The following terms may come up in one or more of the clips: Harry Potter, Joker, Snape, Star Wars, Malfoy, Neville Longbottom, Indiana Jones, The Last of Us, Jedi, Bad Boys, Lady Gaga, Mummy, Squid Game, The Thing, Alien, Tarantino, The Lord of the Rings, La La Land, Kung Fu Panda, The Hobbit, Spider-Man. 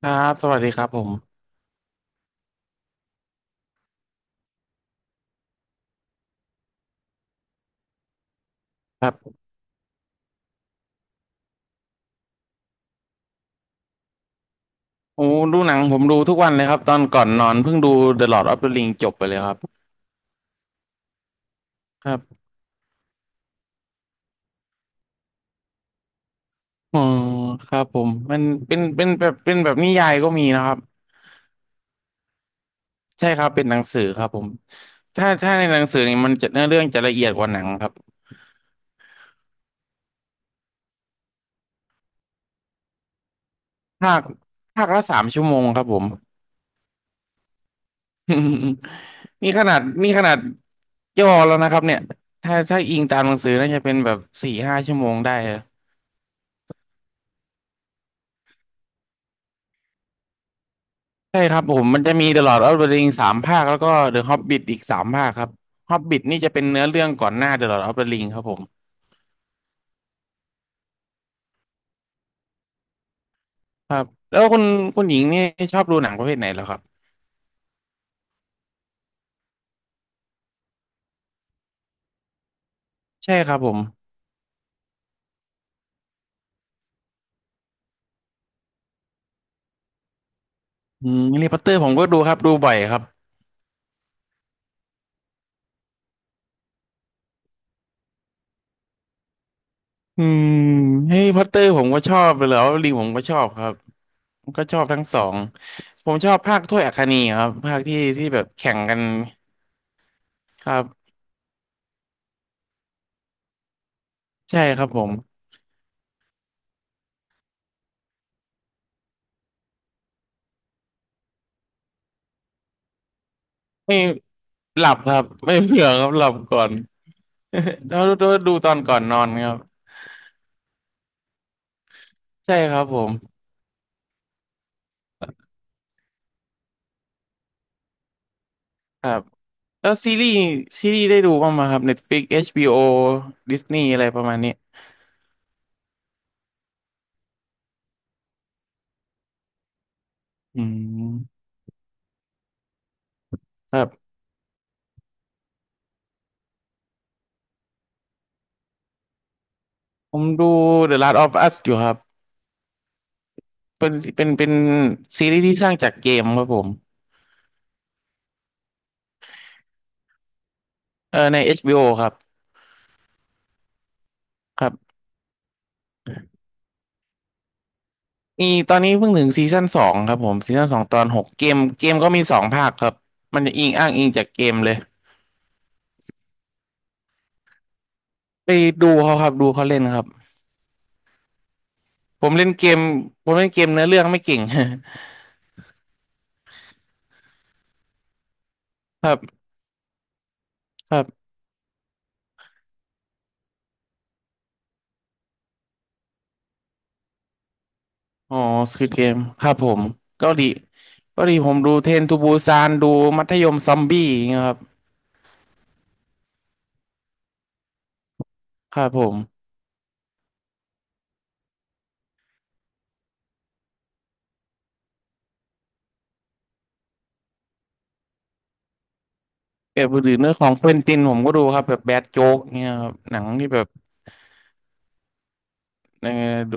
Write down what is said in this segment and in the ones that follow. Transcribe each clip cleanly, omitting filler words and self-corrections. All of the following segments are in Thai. ครับสวัสดีครับผมครับโอ้ดูหนังผมดูทุกวันเลยครับตอนก่อนนอนเพิ่งดู The Lord of the Ring จบไปเลยครับครับอ๋อครับผมมันเป็น เป็นแบบนิยายก็มีนะครับใช่ครับเป็นหนังสือครับผมถ้าในหนังสือนี่มันจะเนื้อเรื่องจะละเอียดกว่าหนังครับภาคภาคละ3 ชั่วโมงครับผม นี่ขนาด นี่ขนาดย่อแล้วนะครับเนี่ยถ้าอิงตามหนังสือน่าจะเป็นแบบ4-5 ชั่วโมงได้ ใช่ครับผมมันจะมี The Lord of the Rings สามภาคแล้วก็ The Hobbit อีกสามภาคครับ Hobbit นี่จะเป็นเนื้อเรื่องก่อนหน้า The Lord of the Rings ครับผมครับแล้วคุณหญิงนี่ชอบดูหนังประเภทไหนเหรอครับใช่ครับผมอืมแฮร์รี่พอตเตอร์ผมก็ดูครับดูบ่อยครับอืมแฮร์รี่พอตเตอร์ผมก็ชอบเลยแล้วลิงผมก็ชอบครับผมก็ชอบทั้งสองผมชอบภาคถ้วยอัคนีครับภาคที่แบบแข่งกันครับใช่ครับผมไม่หลับครับไม่เผื่อครับหลับก่อน แล้วดูตอนก่อนนอนครับใช่ครับผมครับแล้วซีรีส์ได้ดูบ้างไหมครับ Netflix HBO Disney อะไรประมาณนี้อืมครับผมดู The Last of Us อยู่ครับเป็นซีรีส์ที่สร้างจากเกมครับผมเออใน HBO ครับครับมีตอนนี้เพิ่งถึงซีซั่นสองครับผมซีซั่น 2 ตอน 6เกมก็มีสองภาคครับมันจะอิงอ้างอิงจากเกมเลยไปดูเขาครับดูเขาเล่นครับผมเล่นเกมผมเล่นเกมเนื้อเรื่องไม่เก่ง ครับ ครับอ๋อสควิดเกมครับผมก็ดีก็ดีผมดูเทรนทูบูซานดูมัธยมซอมบี้อย่างเงี้ยครับครับผมแบบหรือเนื้อของเควินตินผมก็ดูครับแบบแบดโจ๊กเงี้ยครับหนังที่แบบเออดู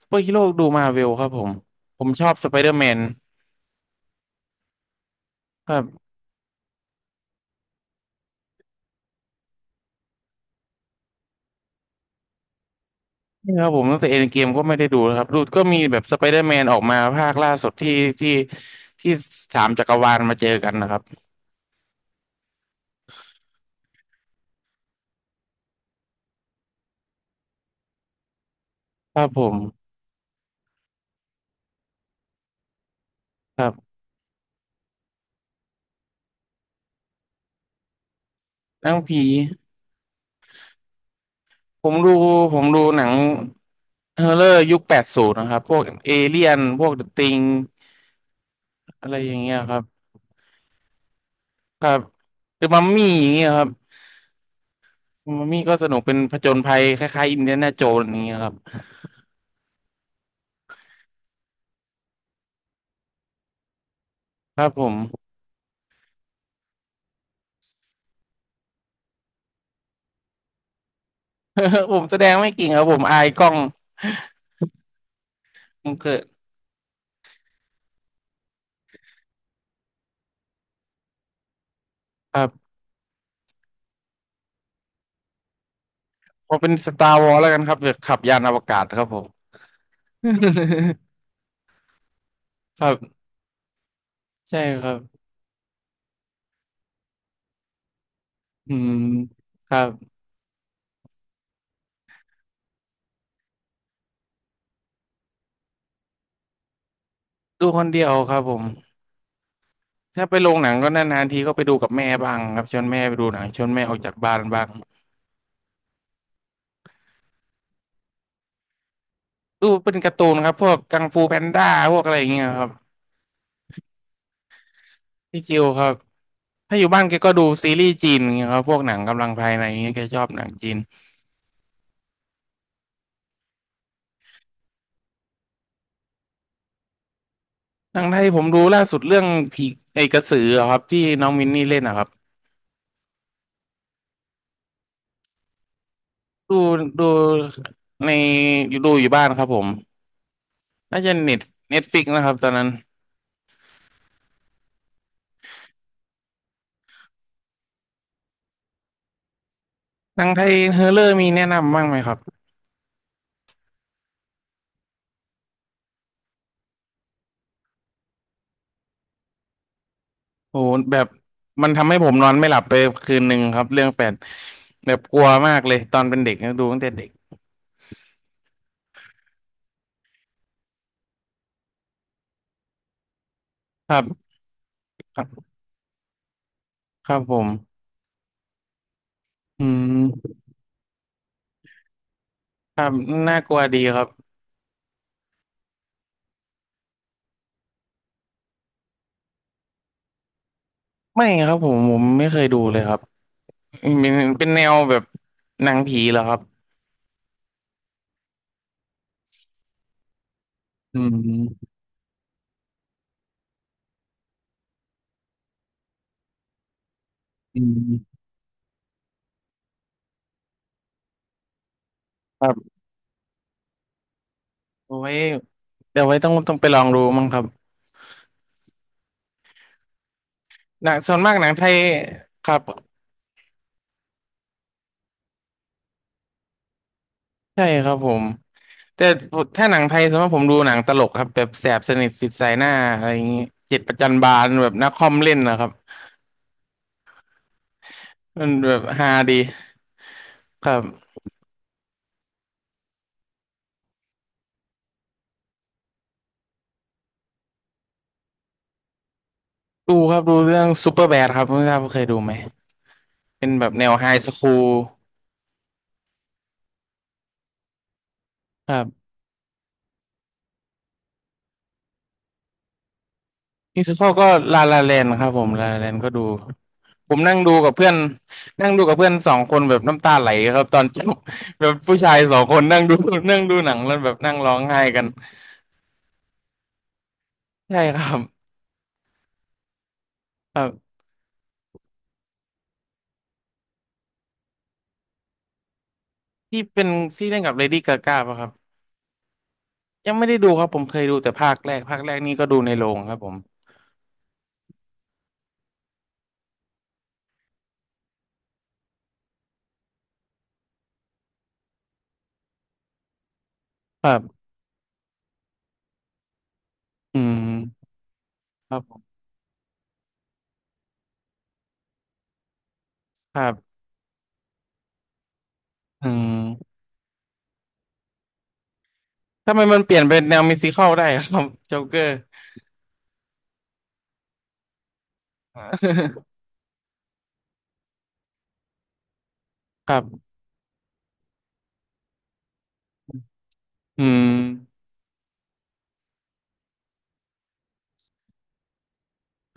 ซูเปอร์ฮีโร่ดูมาเวลครับผมผมชอบสไปเดอร์แมนครับนี่ครับผมตั้งแต่เอ็นเกมก็ไม่ได้ดูนะครับดูก็มีแบบสไปเดอร์แมนออกมาภาคล่าสุดที่ที่สามจักรวาลมาเจอกันนะครับครับผมครับหนังผีผมดูผมดูหนัง เฮอร์เรอร์ยุค 80นะครับพวกเอเลี่ยนพวกเดอะติงอะไรอย่างเงี้ยครับครับหรือมัมมี่อย่างเงี้ยครับมัมมี่ก็สนุกเป็นผจญภัยคล้ายๆอินเดียนาโจนส์อย่างเงี้ยครับครับผม ผมแสดงไม่เก่งครับผมอายกล้องผมเกิดครับพอเป็นสตาร์วอลแล้วกันครับเดี๋ยวขับยานอวกาศครับผม ครับใช่ครับอืมครับดูคนเดียวครับผมถ้าไปโรงหนังก็นานๆทีก็ไปดูกับแม่บ้างครับชวนแม่ไปดูหนังชวนแม่ออกจากบ้านบ้าง ดูเป็นการ์ตูนครับพวกกังฟูแพนด้าพวกอะไรอย่างเงี้ยครับพี่คิวครับถ้าอยู่บ้านแกก็ดูซีรีส์จีนอย่างเงี้ยครับพวกหนังกำลังภายในอย่างเงี้ยแกชอบหนังจีนหนังไทยผมดูล่าสุดเรื่องผีไอ้กระสืออะครับที่น้องมินนี่เล่นนะครับดูดูในดูอยู่บ้านครับผมน่าจะเน็ตเน็ตฟิกนะครับตอนนั้นหนังไทยเฮอร์เรอร์มีแนะนำบ้างไหมครับโอ้โหแบบมันทำให้ผมนอนไม่หลับไปคืนหนึ่งครับเรื่องแปดแบบกลัวมากเลยตอนเป็นเด็กนะดูตั้งแต่เด็กครับครับครับผม อืมครับน่ากลัวดีครับไม่ครับผมไม่เคยดูเลยครับเป็นเป็นแนวแบบหนังผีเหรอครับอืมอืมครับเอาไว้เดี๋ยวไว้ต้องไปลองดูมั้งครับหนังส่วนมากหนังไทยครับใช่ครับผมแต่ถ้าหนังไทยส่วนมากผมดูหนังตลกครับแบบแสบสนิทสิทธิ์สายหน้าอะไรอย่างงี้เจ็ดประจันบานแบบนักคอมเล่นนะครับมันแบบฮาดีครับดูครับดูเรื่องซูเปอร์แบดครับไม่ทราบว่าเคยดูไหมเป็นแบบแนวไฮสคูล ครับมิวสิคก็ลาลาแลนครับผมลาลาแลนก็ดูผมนั่งดูกับเพื่อนนั่งดูกับเพื่อนสองคนแบบน้ำตาไหลครับตอนจบแบบผู้ชายสองคนนั่งดูนั่งดูหนังแล้วแบบนั่งร้องไห้กันใช่ครับครับที่เป็นที่เล่นกับเลดี้กาก้าป่ะครับยังไม่ได้ดูครับผมเคยดูแต่ภาคแรกภาคแรกนี่ก็ดูในโรงครับผมครับอืมครับผมครับอืมทำไมมันเปลี่ยนเป็นแนวมิวสิคัลได้ครับโจ๊กเกอร์ ครับอืม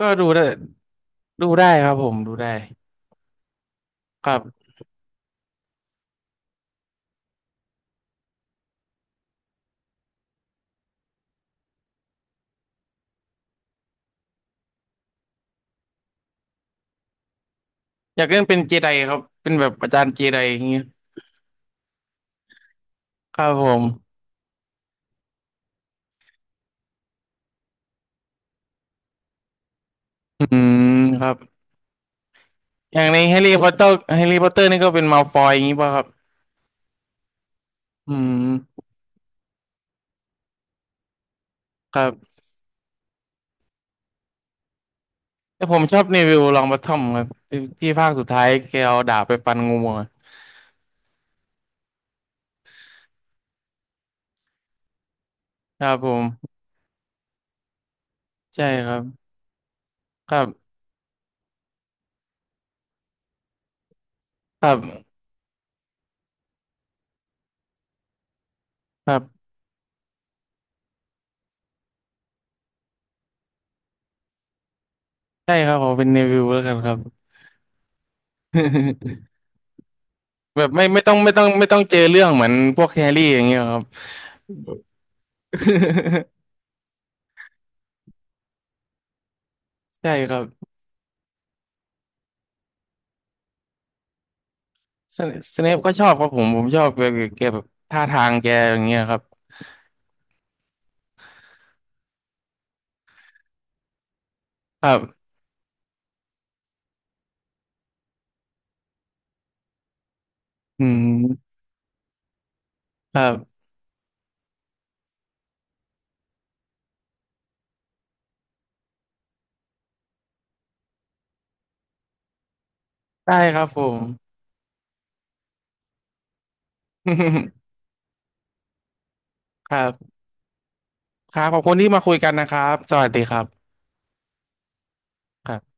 ก็ดูได้ ดูได้ครับผมดูได้ครับอยากเล่นเป็นเจไดครับเป็นแบบอาจารย์เจไดอย่างเงี้ยครับผมอืมครับอย่างในแฮร์รี่พอตเตอร์แฮร์รี่พอตเตอร์นี่ก็เป็นมัลฟอยอย่างงี้ป่ะครับอืมครับแต่ผมชอบเนวิลลองบอททอมครับที่ภาคสุดท้ายแกเอาดาบไปฟันงูอะครับผมใช่ครับครับครับครับใช่ครับผมเป็นเนวิลแล้วกันครับ แบบไม่ไม่ต้องไม่ต้องไม่ต้องเจอเรื่องเหมือนพวกแฮร์รี่อย่างเงี้ยครับ ใช่ครับ สเนปก็ชอบครับผมผมชอบแกแกแบบท่าทางแกอย่างเงี้ยครับครับอืมครับได้ครับผม ครับครับขอบคุณที่มาคุยกันนะครับสวัสดีครับครับ